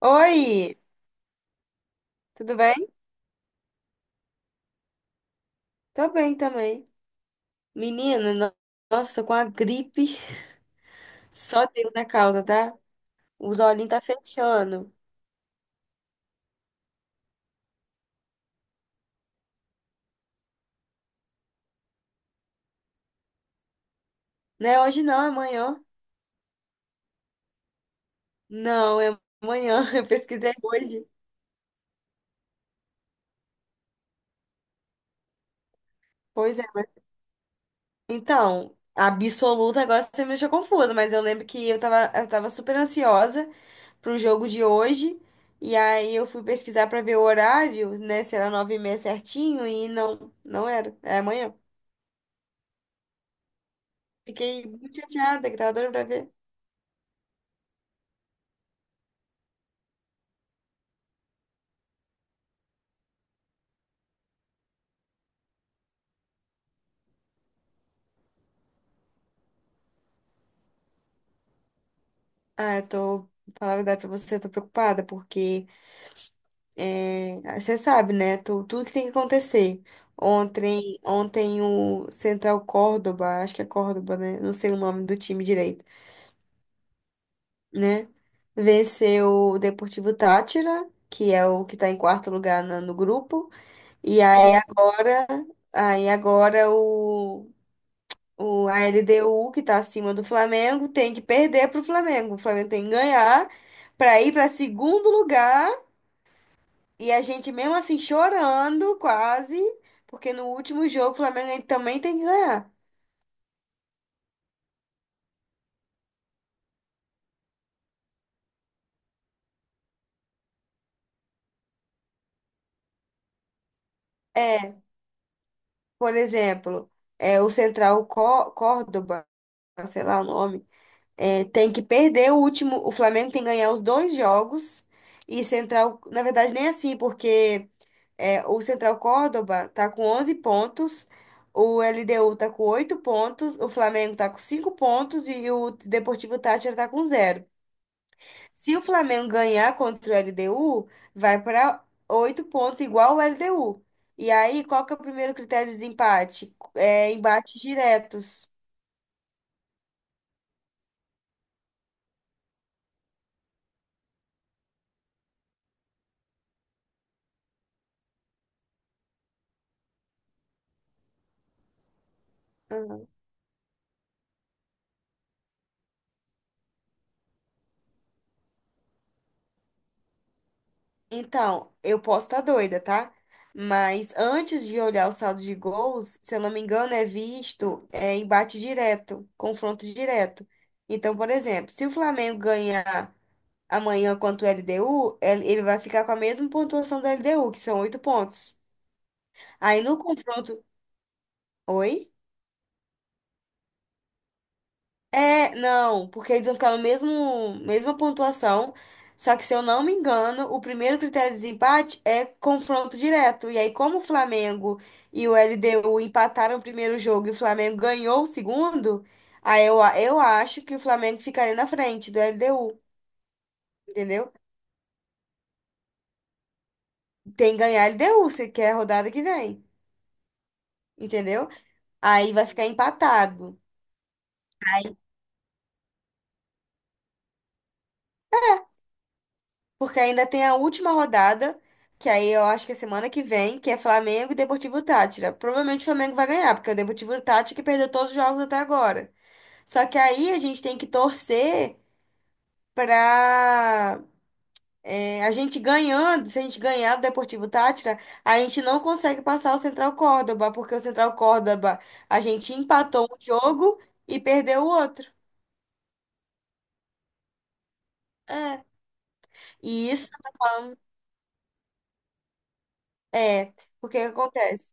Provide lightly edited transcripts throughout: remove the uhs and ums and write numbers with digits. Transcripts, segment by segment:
Oi, tudo bem? Tô bem também. Menina, nossa, tô com a gripe. Só Deus na causa, tá? Os olhinhos tá fechando. Não é hoje não, é amanhã. Não, é amanhã. Eu pesquisei hoje. Pois é, mas... Então, absoluta, agora você me deixou confusa, mas eu lembro que eu tava super ansiosa pro jogo de hoje. E aí eu fui pesquisar pra ver o horário, né? Se era 9:30 certinho, e não, não era. É amanhã. Fiquei muito chateada, que tava doida pra ver. Ah, eu tô, falar a verdade pra você, eu tô preocupada, porque é, você sabe, né? Tudo que tem que acontecer. Ontem, ontem o Central Córdoba, acho que é Córdoba, né? Não sei o nome do time direito, né? Venceu o Deportivo Táchira, que é o que tá em quarto lugar no grupo. E aí agora a LDU, que tá acima do Flamengo, tem que perder pro Flamengo. O Flamengo tem que ganhar para ir para segundo lugar. E a gente, mesmo assim, chorando quase, porque no último jogo o Flamengo também tem que ganhar. É, por exemplo, é, o Central Córdoba, sei lá o nome, é, tem que perder o último. O Flamengo tem que ganhar os dois jogos. E Central, na verdade, nem assim, porque é, o Central Córdoba tá com 11 pontos, o LDU tá com 8 pontos, o Flamengo tá com 5 pontos e o Deportivo Táchira tá com zero. Se o Flamengo ganhar contra o LDU, vai para oito pontos, igual o LDU. E aí, qual que é o primeiro critério de desempate? É embates diretos. Uhum. Então, eu posso estar doida, tá? Mas antes de olhar o saldo de gols, se eu não me engano, embate direto, confronto direto. Então, por exemplo, se o Flamengo ganhar amanhã contra o LDU, ele vai ficar com a mesma pontuação do LDU, que são oito pontos. Aí no confronto. Oi? É, não, porque eles vão ficar no mesmo, mesma pontuação, só que se eu não me engano, o primeiro critério de desempate é confronto direto. E aí, como o Flamengo e o LDU empataram o primeiro jogo e o Flamengo ganhou o segundo, aí eu acho que o Flamengo ficaria na frente do LDU, entendeu? Tem que ganhar LDU, se quer a rodada que vem, entendeu? Aí vai ficar empatado. Porque ainda tem a última rodada, que aí eu acho que é semana que vem, que é Flamengo e Deportivo Tátira. Provavelmente o Flamengo vai ganhar, porque é o Deportivo Tátira que perdeu todos os jogos até agora. Só que aí a gente tem que torcer pra é, a gente ganhando, se a gente ganhar do Deportivo Tátira, a gente não consegue passar o Central Córdoba, porque o Central Córdoba a gente empatou um jogo e perdeu o outro. É. E isso é, porque o que acontece?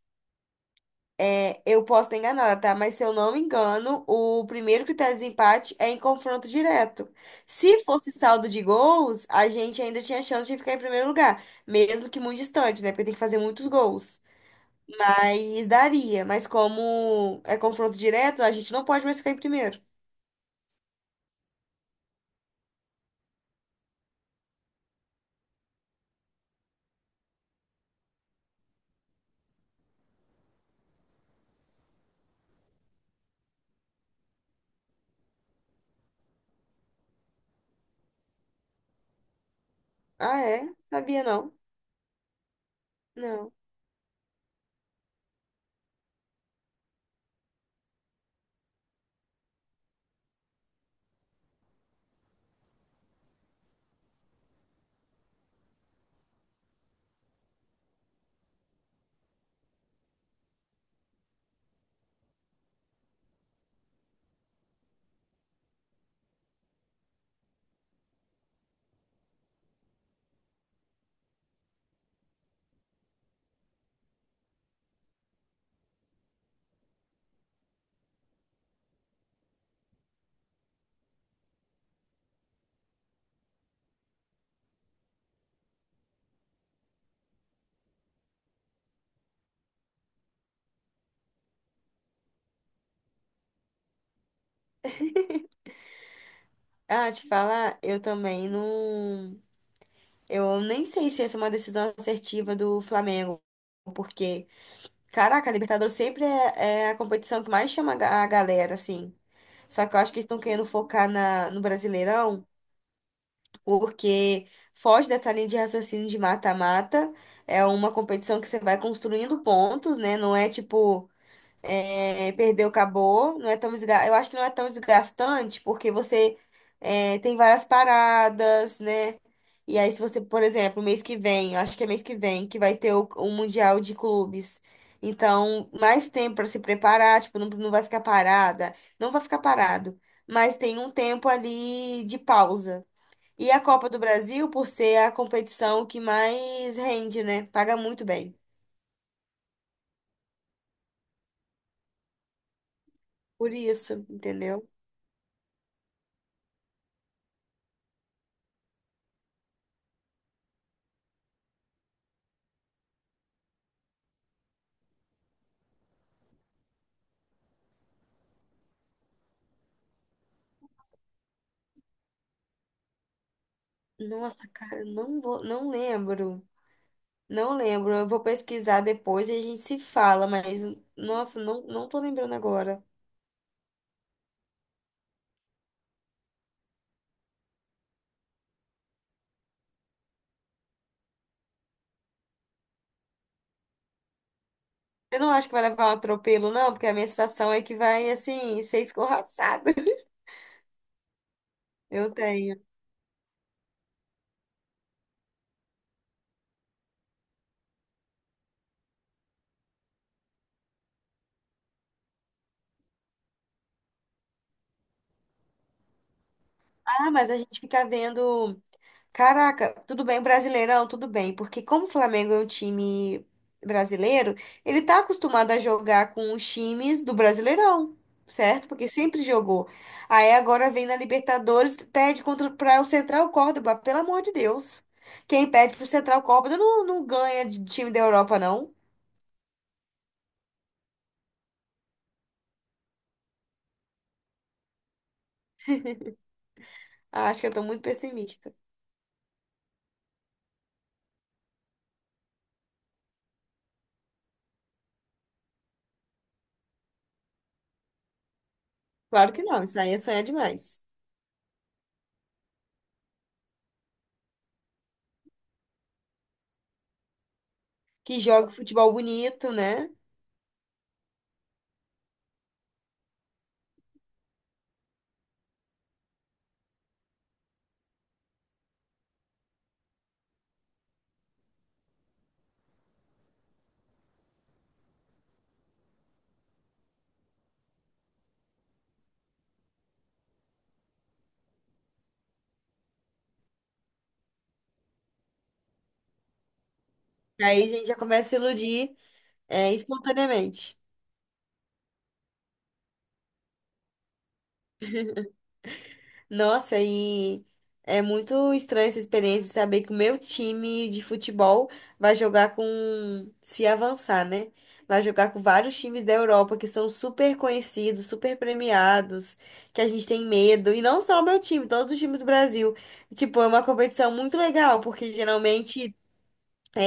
É, eu posso estar enganada, tá? Mas se eu não me engano, o primeiro critério de desempate é em confronto direto. Se fosse saldo de gols, a gente ainda tinha chance de ficar em primeiro lugar, mesmo que muito distante, né? Porque tem que fazer muitos gols. Mas daria. Mas como é confronto direto, a gente não pode mais ficar em primeiro. Ah, é? Sabia não? Não. Ah, te falar, eu também não. Eu nem sei se essa é uma decisão assertiva do Flamengo, porque. Caraca, a Libertadores sempre é, a competição que mais chama a galera, assim. Só que eu acho que eles estão querendo focar no Brasileirão, porque foge dessa linha de raciocínio de mata-mata. É uma competição que você vai construindo pontos, né? Não é tipo, é, perdeu, acabou. Não é tão. Eu acho que não é tão desgastante, porque você é, tem várias paradas, né? E aí, se você, por exemplo, mês que vem, eu acho que é mês que vem, que vai ter o Mundial de Clubes. Então, mais tempo para se preparar, tipo, não, não vai ficar parada, não vai ficar parado, mas tem um tempo ali de pausa. E a Copa do Brasil, por ser a competição que mais rende, né? Paga muito bem. Por isso, entendeu? Nossa, cara, não vou, não lembro. Não lembro. Eu vou pesquisar depois e a gente se fala, mas nossa, não, não tô lembrando agora. Eu não acho que vai levar um atropelo, não, porque a minha sensação é que vai, assim, ser escorraçado. Eu tenho. Ah, mas a gente fica vendo. Caraca, tudo bem, Brasileirão, tudo bem, porque como o Flamengo é um time brasileiro, ele tá acostumado a jogar com os times do Brasileirão, certo? Porque sempre jogou. Aí agora vem na Libertadores, perde contra para o Central Córdoba, pelo amor de Deus. Quem perde pro Central Córdoba não, não ganha de time da Europa, não. Ah, acho que eu tô muito pessimista. Claro que não, isso aí é sonhar demais. Que joga futebol bonito, né? Aí a gente já começa a se iludir é, espontaneamente. Nossa, e é muito estranha essa experiência de saber que o meu time de futebol vai jogar com, se avançar, né? Vai jogar com vários times da Europa que são super conhecidos, super premiados, que a gente tem medo. E não só o meu time, todo o time do Brasil. Tipo, é uma competição muito legal, porque geralmente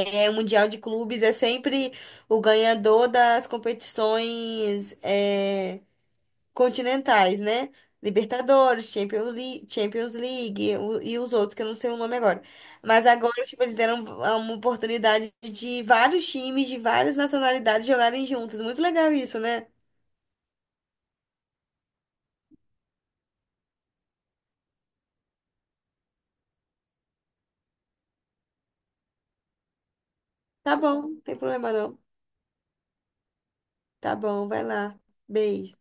é, o Mundial de Clubes é sempre o ganhador das competições é, continentais, né? Libertadores, Champions League e os outros que eu não sei o nome agora. Mas agora, tipo, eles deram uma oportunidade de vários times de várias nacionalidades jogarem juntos. Muito legal isso, né? Tá bom, não tem problema não. Tá bom, vai lá. Beijo.